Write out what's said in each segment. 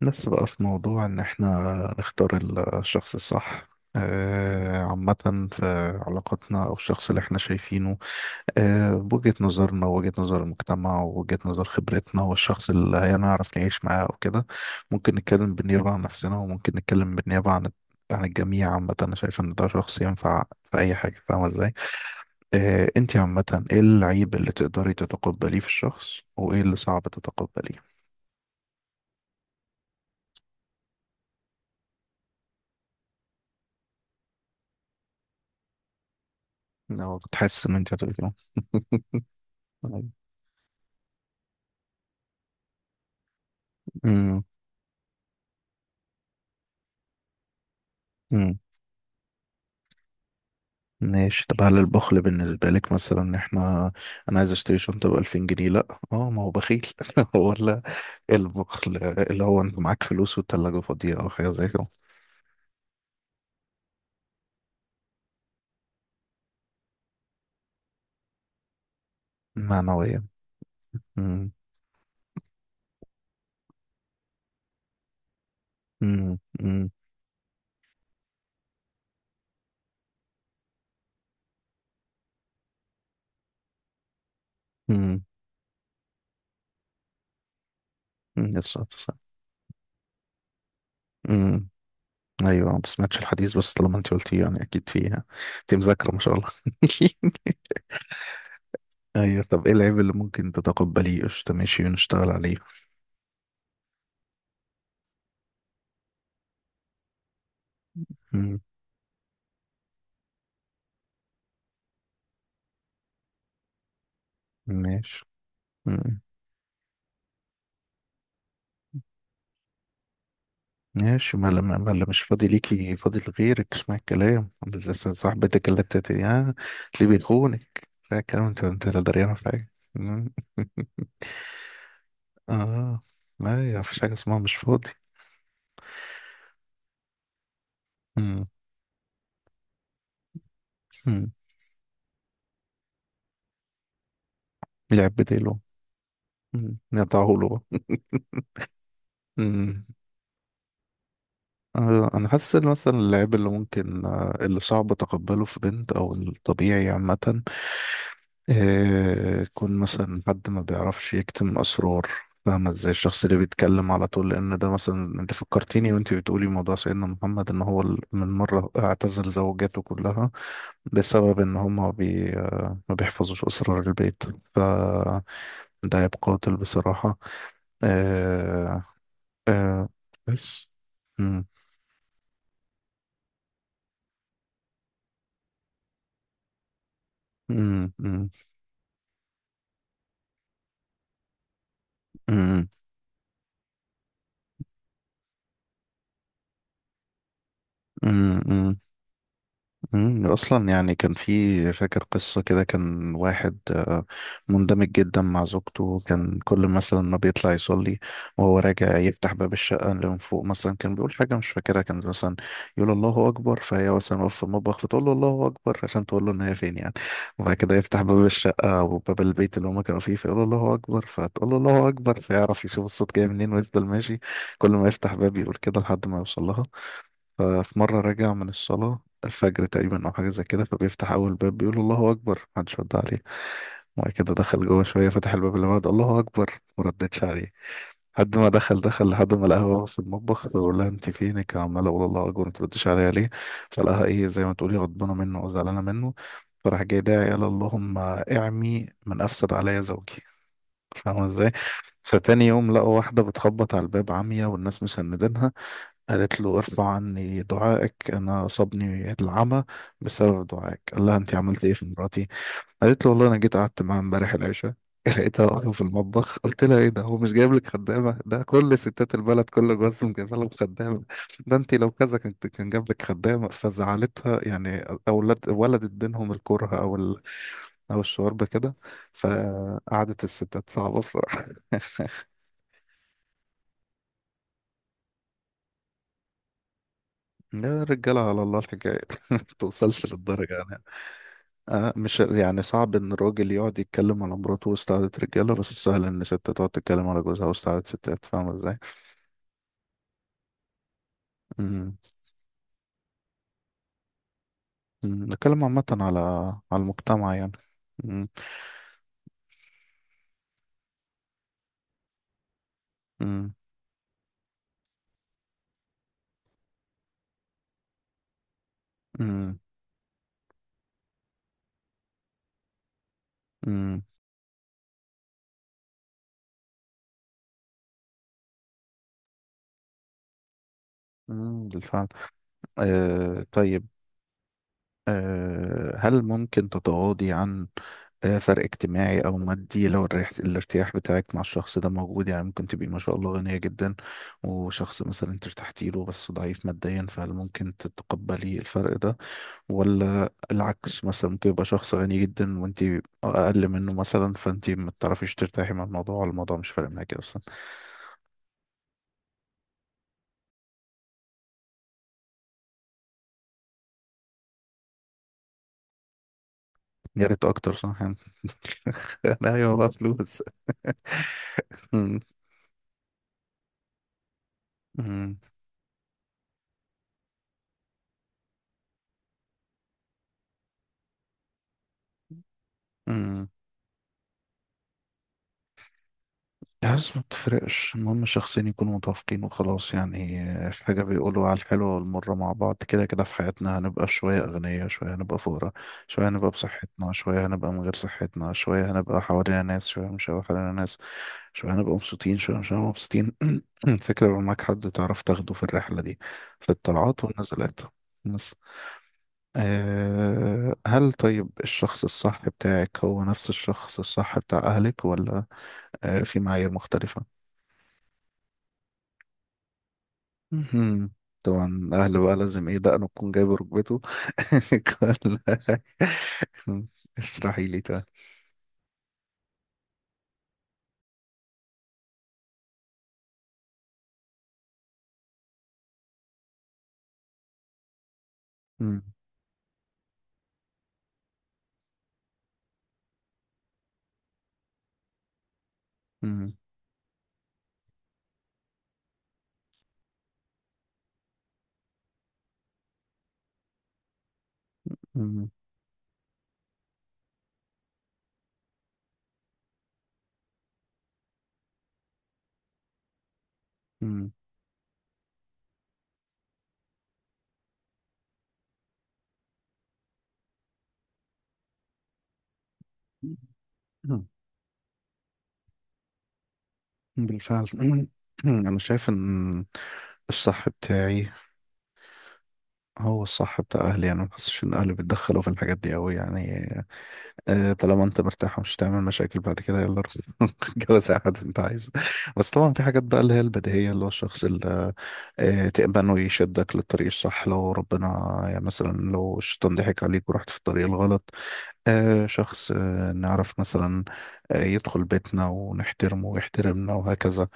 بس بقى في موضوع ان احنا نختار الشخص الصح، عامة في علاقتنا او الشخص اللي احنا شايفينه، بوجهة نظرنا ووجهة نظر المجتمع ووجهة نظر خبرتنا والشخص اللي هنعرف نعيش معاه او كده. ممكن نتكلم بالنيابة عن نفسنا وممكن نتكلم بالنيابة عن الجميع. عامة أنا شايف إن ده شخص ينفع في أي حاجة، فاهمة إزاي؟ أنت عامة إيه العيب اللي تقدري تتقبليه في الشخص وإيه اللي صعب تتقبليه؟ لو تحس إن أنت هتقولي كده. مم. ماشي، طب هل البخل بالنسبة لك مثلا ان احنا، انا عايز اشتري شنطة ب 2000 جنيه لا اه ما هو بخيل ولا البخل اللي هو انت معاك فلوس والتلاجة فاضية او حاجة زي كده؟ معنوية. مم. مم. مم. مم. مم. يا ساتر. مم. ايوه، ما سمعتش الحديث بس طالما انت قلتيه يعني اكيد فيها. انت مذاكرة ما شاء الله ايوه طب ايه العيب اللي ممكن تتقبليه؟ قشطة ماشي ونشتغل عليه. مم. ماشي، ما لما مش فاضي ليكي فاضي لغيرك، اسمع الكلام زي صاحبتك اللي انت تلاقيه بيخونك، فاهم الكلام؟ انت لا دريانة في حاجة. مم. اه. لا يا، مفيش حاجة اسمها مش فاضي. مم. مم. لعب بديله. مم. نقطعه له بقى. مم. انا حاسس ان مثلا اللعب اللي ممكن، اللي صعب تقبله في بنت او الطبيعي عامة، إيه؟ كون مثلا حد ما بيعرفش يكتم أسرار، فاهمة ازاي؟ الشخص اللي بيتكلم على طول، لأن ده مثلا اللي فكرتيني وانت بتقولي موضوع سيدنا محمد، إن هو من مرة اعتزل زوجاته كلها بسبب إن هما بي آه، ما بيحفظوش أسرار البيت. ف ده عيب قاتل بصراحة. إيه بس. مم. مم. مم. مم. مم. مم. مم، اصلا يعني كان في، فاكر قصه كده، كان واحد مندمج جدا مع زوجته، كان كل مثلا ما بيطلع يصلي وهو راجع يفتح باب الشقه اللي من فوق مثلا، كان بيقول حاجه مش فاكرها، كان مثلا يقول الله اكبر، فهي مثلا واقفه في المطبخ فتقول له الله اكبر عشان تقول له ان هي فين يعني. وبعد كده يفتح باب الشقه او باب البيت اللي هما كانوا فيه فيقول له الله اكبر فتقول له الله اكبر فيعرف يشوف الصوت جاي منين ويفضل ماشي. كل ما يفتح باب يقول كده لحد ما يوصل لها. ففي مرة راجع من الصلاة الفجر تقريبا أو حاجة زي كده، فبيفتح أول باب بيقول الله أكبر، محدش رد عليه. وبعد كده دخل جوه شوية فتح الباب اللي بعده، الله أكبر، مردتش عليه. لحد ما دخل لحد ما لقاها واقفة في المطبخ، بيقول لها أنت فينك عمالة أقول الله أكبر متردش عليا ليه؟ فلقاها إيه، زي ما تقولي غضبانة منه أو زعلانة منه. فراح جاي داعي قال اللهم اعمي من أفسد عليا زوجي. فاهمة ازاي؟ فتاني يوم لقوا واحدة بتخبط على الباب عمية والناس مسندينها، قالت له ارفع عني دعائك انا اصابني العمى بسبب دعائك. قال لها انت عملت ايه في مراتي؟ قالت له والله انا جيت قعدت معاها امبارح العشاء لقيتها واقفه في المطبخ قلت لها ايه ده، هو مش جايب لك خدامه؟ ده كل ستات البلد كل جوازهم جايبه لهم خدامه. ده انت لو كذا كنت كان جاب لك خدامه. فزعلتها يعني، اولاد ولدت بينهم الكره، او او الشوربه كده. فقعدت الستات صعبه بصراحه يا رجاله على الله الحكايه ما توصلش للدرجه يعني. آه مش يعني صعب ان الراجل يقعد يتكلم على مراته وسط قعدة رجاله، بس سهل ان ست تقعد تتكلم على جوزها وسط قعدة ستات، فاهمه ازاي؟ امم. أمم، نتكلم عامه على على المجتمع يعني. امم. امم. امم. امم. أمم، بالفعل. آه طيب. هل ممكن تتغاضي عن فرق اجتماعي او مادي لو الارتياح بتاعك مع الشخص ده موجود؟ يعني ممكن تبقي ما شاء الله غنية جدا وشخص مثلا انت ارتحتي له بس ضعيف ماديا، فهل ممكن تتقبلي الفرق ده؟ ولا العكس، مثلا ممكن يبقى شخص غني جدا وانت اقل منه مثلا، فانت ما تعرفيش ترتاحي مع الموضوع، ولا الموضوع مش فارق معاكي اصلا؟ يا ريت اكتر صح يعني ايوه بقى فلوس. مم. مم. مم. الحاسس ما بتفرقش، المهم شخصين يكونوا متوافقين وخلاص يعني. في حاجة بيقولوا على الحلوة والمرة مع بعض، كده كده في حياتنا هنبقى في شوية أغنياء شوية هنبقى فقراء، شوية هنبقى بصحتنا شوية هنبقى من غير صحتنا، شوية هنبقى حوالينا ناس شوية مش هنبقى حوالينا ناس، شوية هنبقى مبسوطين شوية مش هنبقى مبسوطين. الفكرة يبقى معاك حد تعرف تاخده في الرحلة دي، في الطلعات والنزلات بس. أه هل، طيب الشخص الصح بتاعك هو نفس الشخص الصح بتاع أهلك، ولا أه في معايير مختلفة؟ مهم. طبعا الاهل بقى لازم ايه، دقنه تكون جايبه ركبته كل حاجة. اشرحي لي تعالى. مم. مم. مم. مم. مم. بالفعل. مم. انا شايف ان الصح بتاعي هو الصح بتاع اهلي. انا ما بحسش ان اهلي بيتدخلوا في الحاجات دي قوي يعني. طالما انت مرتاح ومش هتعمل مشاكل بعد كده، يلا روح جوز اي حد انت عايزه. بس طبعا في حاجات بقى اللي هي البديهيه، اللي هو الشخص اللي تأمنه يشدك للطريق الصح لو ربنا، يعني مثلا لو الشيطان ضحك عليك ورحت في الطريق الغلط. شخص نعرف مثلا، يدخل بيتنا ونحترمه ويحترمنا وهكذا.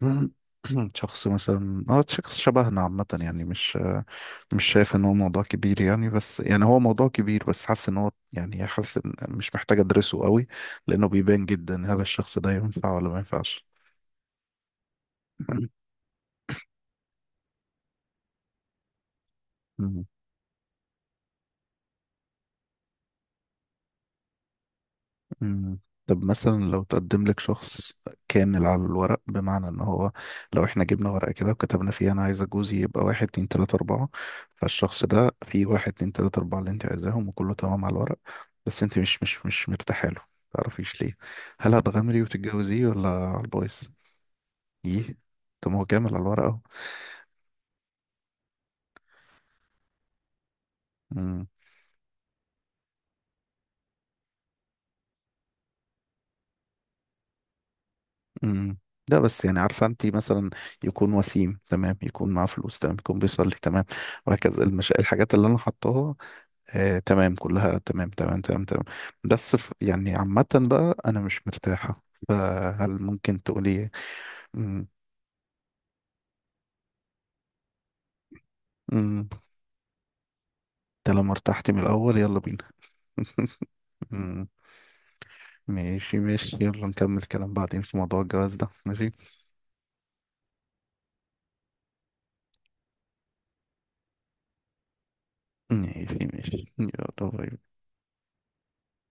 شخص مثلا، اه شخص شبهنا عامة يعني. مش مش شايف ان هو موضوع كبير يعني، بس يعني هو موضوع كبير، بس حاسس ان هو يعني حاسس إن مش محتاج ادرسه قوي، لانه بيبان جدا هل الشخص ده ينفع ولا ما ينفعش. مم. مم. طب مثلا لو تقدم لك شخص كامل على الورق، بمعنى ان هو، لو احنا جبنا ورقة كده وكتبنا فيها انا عايزة جوزي يبقى واحد اتنين تلاتة اربعة، فالشخص ده فيه واحد اتنين تلاتة اربعة اللي انت عايزاهم وكله تمام على الورق، بس انت مش مرتاحة له، متعرفيش ليه، هل هتغامري وتتجوزيه ولا على البايظ؟ ايه؟ طب ما هو كامل على الورق اهو. مم. مم. لا بس يعني، عارفه انت مثلا يكون وسيم تمام يكون معاه فلوس تمام يكون بيصلي تمام وهكذا، الحاجات اللي انا حطاها، آه تمام كلها تمام تمام تمام تمام، بس يعني عامه بقى انا مش مرتاحه، هل ممكن تقولي إيه؟ مم. مم. انت لما ارتحت من الاول يلا بينا مم. ماشي ماشي، يلا نكمل كلام بعدين في موضوع الجواز ده. ماشي ماشي ماشي، يلا باي.